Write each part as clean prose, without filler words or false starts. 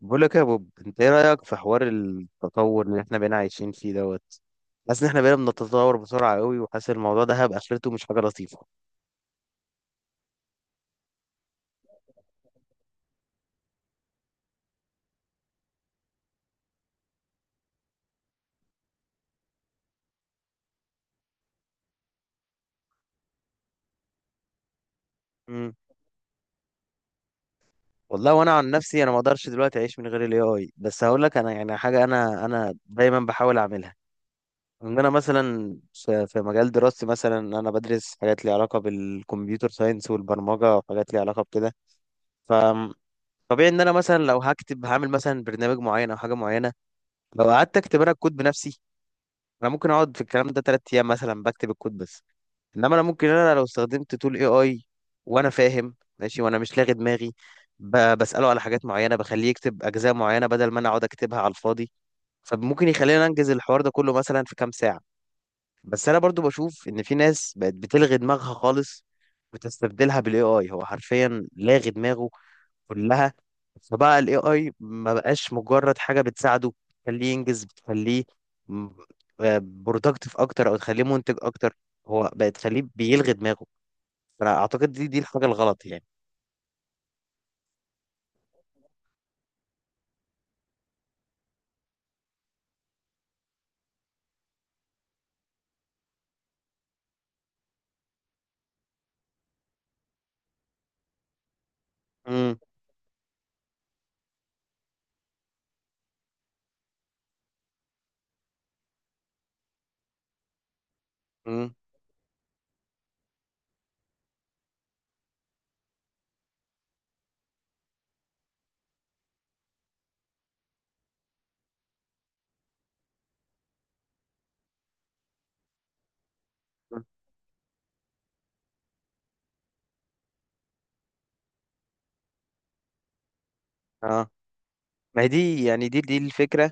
بقول لك يا بوب، انت ايه رايك في حوار التطور اللي احنا بقينا عايشين فيه دوت. حاسس ان احنا بقينا بنتطور بسرعه قوي، وحاسس الموضوع ده هيبقى اخرته مش حاجه لطيفه. امم. والله وانا عن نفسي، انا ما اقدرش دلوقتي اعيش من غير الاي اي. بس هقول لك انا يعني حاجه انا دايما بحاول اعملها. ان انا مثلا في مجال دراستي، مثلا انا بدرس حاجات ليها علاقه بالكمبيوتر ساينس والبرمجه وحاجات ليها علاقه بكده. ف طبيعي ان انا مثلا لو هكتب هعمل مثلا برنامج معين او حاجه معينه، لو قعدت اكتب انا الكود بنفسي، انا ممكن اقعد في الكلام ده 3 ايام مثلا بكتب الكود بس. انما انا ممكن لو استخدمت تول اي اي وانا فاهم ماشي، وانا مش لاغي دماغي، بساله على حاجات معينه، بخليه يكتب اجزاء معينه بدل ما انا اقعد اكتبها على الفاضي. فممكن يخلينا انجز الحوار ده كله مثلا في كام ساعه. بس انا برضو بشوف ان في ناس بقت بتلغي دماغها خالص وتستبدلها بالاي اي. هو حرفيا لاغي دماغه كلها. فبقى الاي اي ما بقاش مجرد حاجه بتساعده بتخليه ينجز، بتخليه برودكتيف اكتر او تخليه منتج اكتر. هو بقت تخليه بيلغي دماغه. فانا اعتقد دي الحاجه الغلط يعني. امم. امم. اه، ما هي دي يعني، دي الفكره.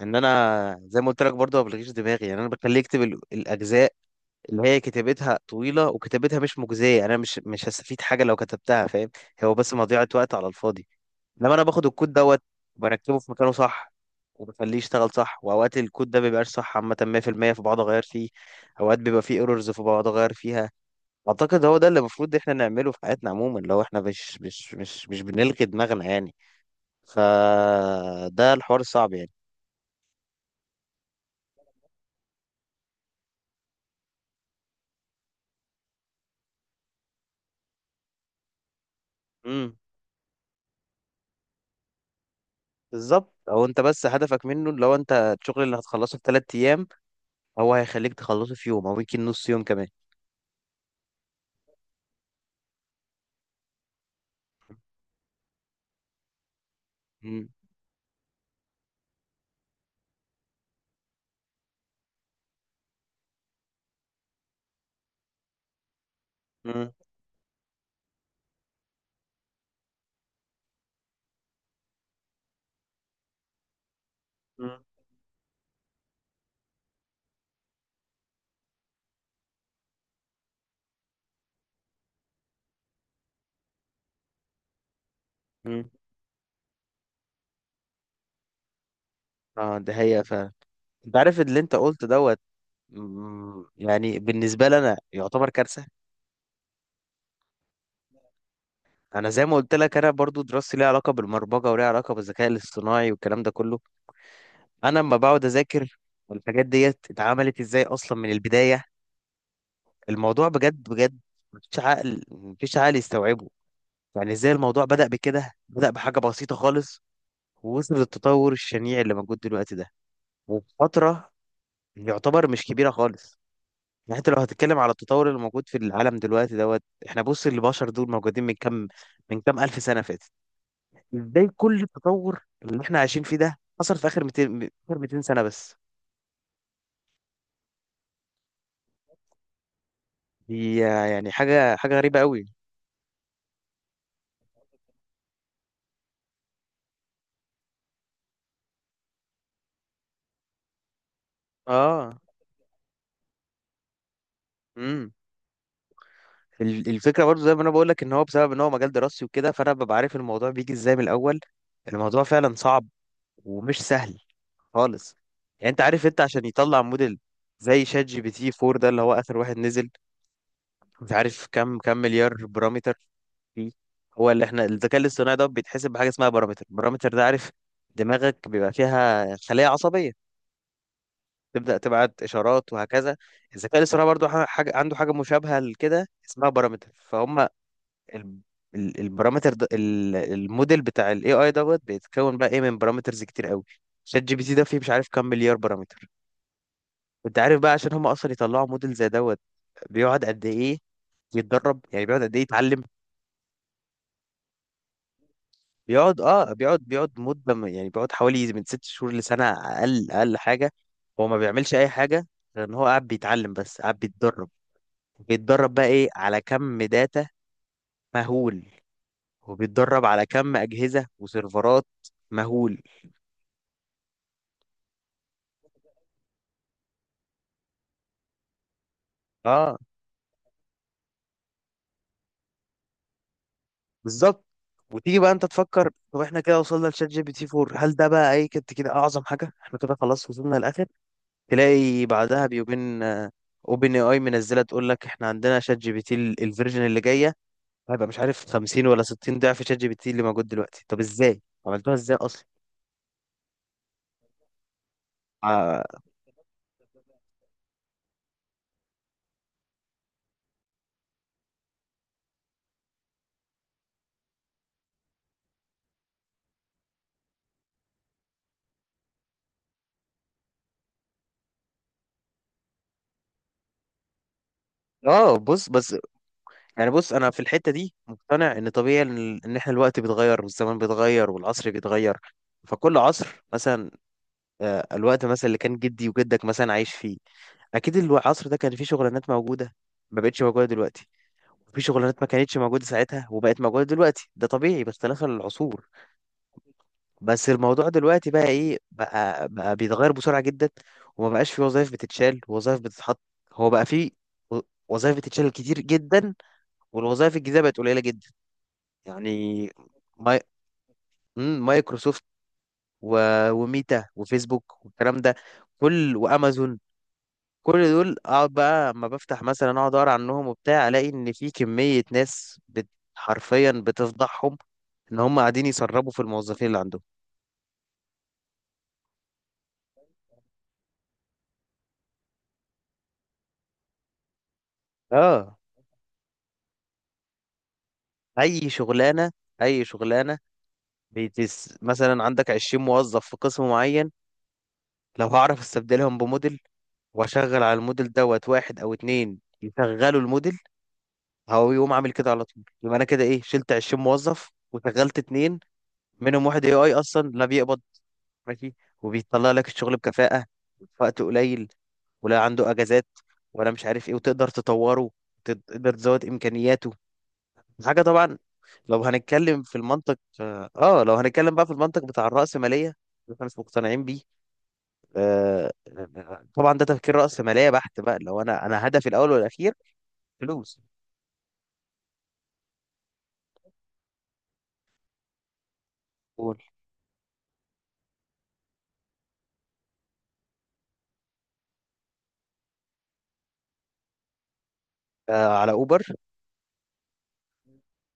ان انا زي ما قلت لك برضه ما بلغيش دماغي يعني. انا بخليه يكتب الاجزاء اللي هي كتابتها طويله وكتابتها مش مجزيه. انا مش هستفيد حاجه لو كتبتها، فاهم؟ هو بس مضيعه وقت على الفاضي. لما انا باخد الكود دوت وبركبه في مكانه صح، وبخليه يشتغل صح. واوقات الكود ده بيبقاش صح عامه 100%، فبقعد اغير فيه. اوقات بيبقى فيه ايرورز، فبقعد اغير فيها. اعتقد هو ده اللي المفروض احنا نعمله في حياتنا عموما، لو احنا مش بنلغي دماغنا يعني. فده الحوار الصعب يعني. امم. بالظبط. او انت بس هدفك منه، لو انت الشغل اللي هتخلصه في 3 ايام، هو هيخليك تخلصه في يوم او يمكن نص يوم كمان. امم. امم. امم. اه، ده هي فعلا. انت عارف اللي انت قلت دوت. يعني بالنسبة لي أنا يعتبر كارثة. أنا زي ما قلت لك، أنا برضو دراستي ليها علاقة بالبرمجة وليها علاقة بالذكاء الاصطناعي والكلام ده كله. أنا لما بقعد أذاكر الحاجات ديت اتعملت إزاي أصلا من البداية، الموضوع بجد بجد، مفيش عقل، مفيش عقل يستوعبه. يعني إزاي الموضوع بدأ بكده، بدأ بحاجة بسيطة خالص، ووصل للتطور الشنيع اللي موجود دلوقتي ده. وفي فترة يعتبر مش كبيرة خالص. يعني انت لو هتتكلم على التطور اللي موجود في العالم دلوقتي دوت، احنا بص البشر دول موجودين من كام، من كام الف سنه فاتت. ازاي كل التطور اللي احنا عايشين فيه ده حصل في اخر 200، اخر 200 سنه بس؟ دي يعني حاجه، حاجه غريبه قوي. اه. امم. الفكره برضو زي ما انا بقول لك، ان هو بسبب ان هو مجال دراسي وكده، فانا ببقى عارف الموضوع بيجي ازاي من الاول. الموضوع فعلا صعب، ومش سهل خالص. يعني انت عارف، انت عشان يطلع موديل زي شات جي بي تي 4 ده، اللي هو اخر واحد نزل، مش عارف كم مليار بارامتر فيه. هو اللي احنا الذكاء الاصطناعي ده بيتحسب بحاجه اسمها بارامتر. البارامتر ده، عارف دماغك بيبقى فيها خلايا عصبيه، تبدا تبعت اشارات وهكذا. الذكاء الاصطناعي برضو حاجه عنده حاجه مشابهه لكده اسمها بارامتر، فهم. ال- البارامتر ده، الموديل بتاع الاي اي دوت، بيتكون بقى ايه من بارامترز كتير قوي. شات جي بي تي ده فيه مش عارف كم مليار بارامتر. انت عارف بقى عشان هم اصلا يطلعوا موديل زي دوت، بيقعد قد ايه يتدرب، يعني بيقعد قد ايه يتعلم. بيقعد اه، بيقعد مدة، يعني بيقعد حوالي من 6 شهور لسنة، أقل أقل حاجة. هو ما بيعملش أي حاجة غير إن هو قاعد بيتعلم، بس قاعد بيتدرب. بيتدرب بقى إيه على كم داتا مهول، وبيتدرب على كم أجهزة وسيرفرات مهول. اه بالظبط. وتيجي بقى أنت تفكر، طب إحنا كده وصلنا لشات جي بي تي 4، هل ده بقى إيه كنت كده أعظم حاجة؟ إحنا كده خلاص وصلنا للآخر؟ تلاقي بعدها بيومين اوبن اي اي منزله تقول لك احنا عندنا شات جي بي تي الفيرجن اللي جايه، هيبقى مش عارف 50 ولا 60 ضعف شات جي بي تي اللي موجود دلوقتي. طب ازاي عملتوها، ازاي اصلا؟ اه. آه، بص بس. يعني بص، انا في الحتة دي مقتنع ان طبيعي ان إن احنا الوقت بيتغير والزمان بيتغير والعصر بيتغير. فكل عصر مثلا، آه، الوقت مثلا اللي كان جدي وجدك مثلا عايش فيه، اكيد العصر ده كان فيه شغلانات موجودة ما بقتش موجودة دلوقتي. في شغلانات ما كانتش موجودة ساعتها وبقت موجودة دلوقتي. ده طبيعي باختلاف العصور. بس الموضوع دلوقتي بقى ايه، بقى بيتغير بسرعة جدا. وما بقاش في وظائف بتتشال، وظائف بتتحط. هو بقى في و- وظائف بتتشال كتير جدا، والوظائف الجديدة بقت قليلة جدا يعني. ماي... مايكروسوفت و... وميتا وفيسبوك والكلام ده كل، وامازون. كل دول اقعد بقى اما بفتح مثلا، اقعد اقرا عنهم وبتاع، الاقي ان في كمية ناس حرفيا بتفضحهم، ان هم قاعدين يسربوا في الموظفين اللي عندهم. اه. اي شغلانه، اي شغلانه. مثلا عندك 20 موظف في قسم معين، لو هعرف استبدلهم بموديل، واشغل على الموديل دوت، واحد او اتنين يشغلوا الموديل، هو يقوم عامل كده على طول. يبقى انا كده ايه، شلت 20 موظف وشغلت اتنين منهم واحد اي اي اصلا لا بيقبض، ماشي، وبيطلع لك الشغل بكفاءه في وقت قليل، ولا عنده اجازات، ولا مش عارف ايه، وتقدر تطوره، تقدر تزود امكانياته، حاجة طبعا. لو هنتكلم في المنطق، اه، آه، لو هنتكلم بقى في المنطق بتاع الرأسمالية اللي احنا مش مقتنعين بيه. آه. طبعا ده تفكير رأسمالية بحت بقى، لو انا انا هدفي الاول والاخير فلوس. قول. آه على اوبر.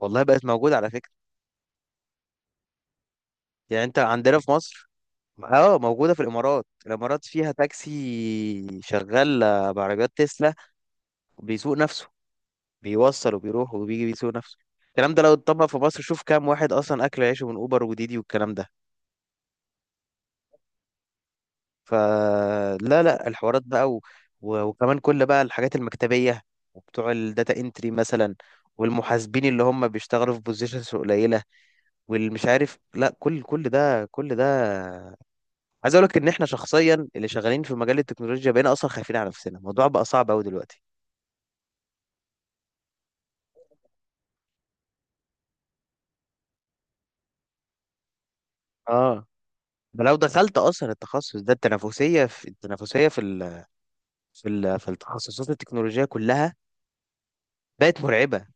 والله بقت موجودة على فكرة. يعني انت عندنا في مصر، اه، موجودة في الامارات. الامارات فيها تاكسي شغال، آه، بعربيات تسلا، بيسوق نفسه. بيوصل وبيروح وبيجي بيسوق نفسه. الكلام ده لو اتطبق في مصر، شوف كام واحد اصلا اكل عيشه من اوبر وديدي والكلام ده. فلا لا الحوارات بقى، وكمان كل بقى الحاجات المكتبية، وبتوع الداتا انتري مثلا، والمحاسبين اللي هم بيشتغلوا في بوزيشنز قليلة، واللي مش عارف، لا، كل ده كل ده. عايز اقول لك ان احنا شخصيا اللي شغالين في مجال التكنولوجيا بقينا اصلا خايفين على نفسنا. الموضوع بقى صعب قوي دلوقتي. اه. ده لو دخلت اصلا التخصص ده، التنافسيه في التخصصات التكنولوجيه كلها بقت مرعبه.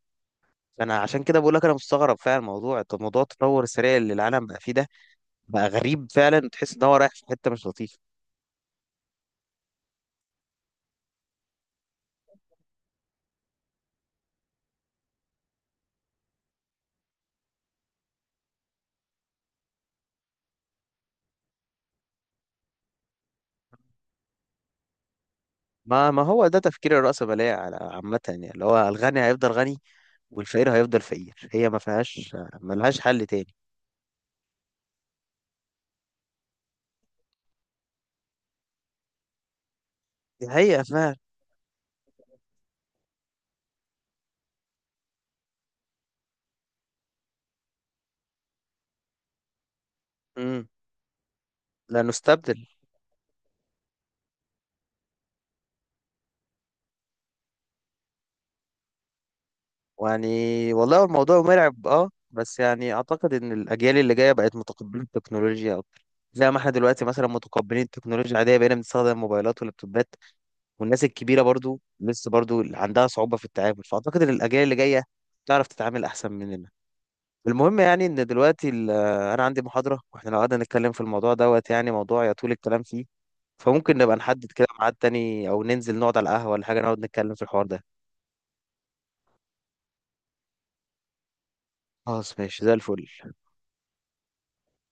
انا عشان كده بقول لك، انا مستغرب فعلا الموضوع. طب موضوع التطور السريع اللي العالم بقى فيه ده بقى غريب فعلا، تحس ان هو رايح في حته مش لطيفه. ما هو ده تفكير الرأسمالية عامة يعني، اللي هو الغني هيفضل غني والفقير هيفضل فقير. هي ما فيهاش، ما لهاش حل تاني. دي حقيقة فعلا. امم. لا، نستبدل. يعني والله الموضوع مرعب، اه، بس يعني اعتقد ان الاجيال اللي جايه بقت متقبله التكنولوجيا اكتر. زي ما احنا دلوقتي مثلا متقبلين التكنولوجيا العاديه بقينا بنستخدم الموبايلات واللابتوبات، والناس الكبيرة برضو لسه برضو عندها صعوبة في التعامل. فأعتقد إن الأجيال اللي جاية تعرف تتعامل أحسن مننا. المهم يعني، إن دلوقتي آه، أنا عندي محاضرة، وإحنا لو قعدنا نتكلم في الموضوع دوت يعني، موضوع يطول الكلام فيه. فممكن نبقى نحدد كده ميعاد تاني، أو ننزل نقعد على القهوة ولا حاجة نقعد نتكلم في الحوار ده. خلاص ماشي، زي الفل.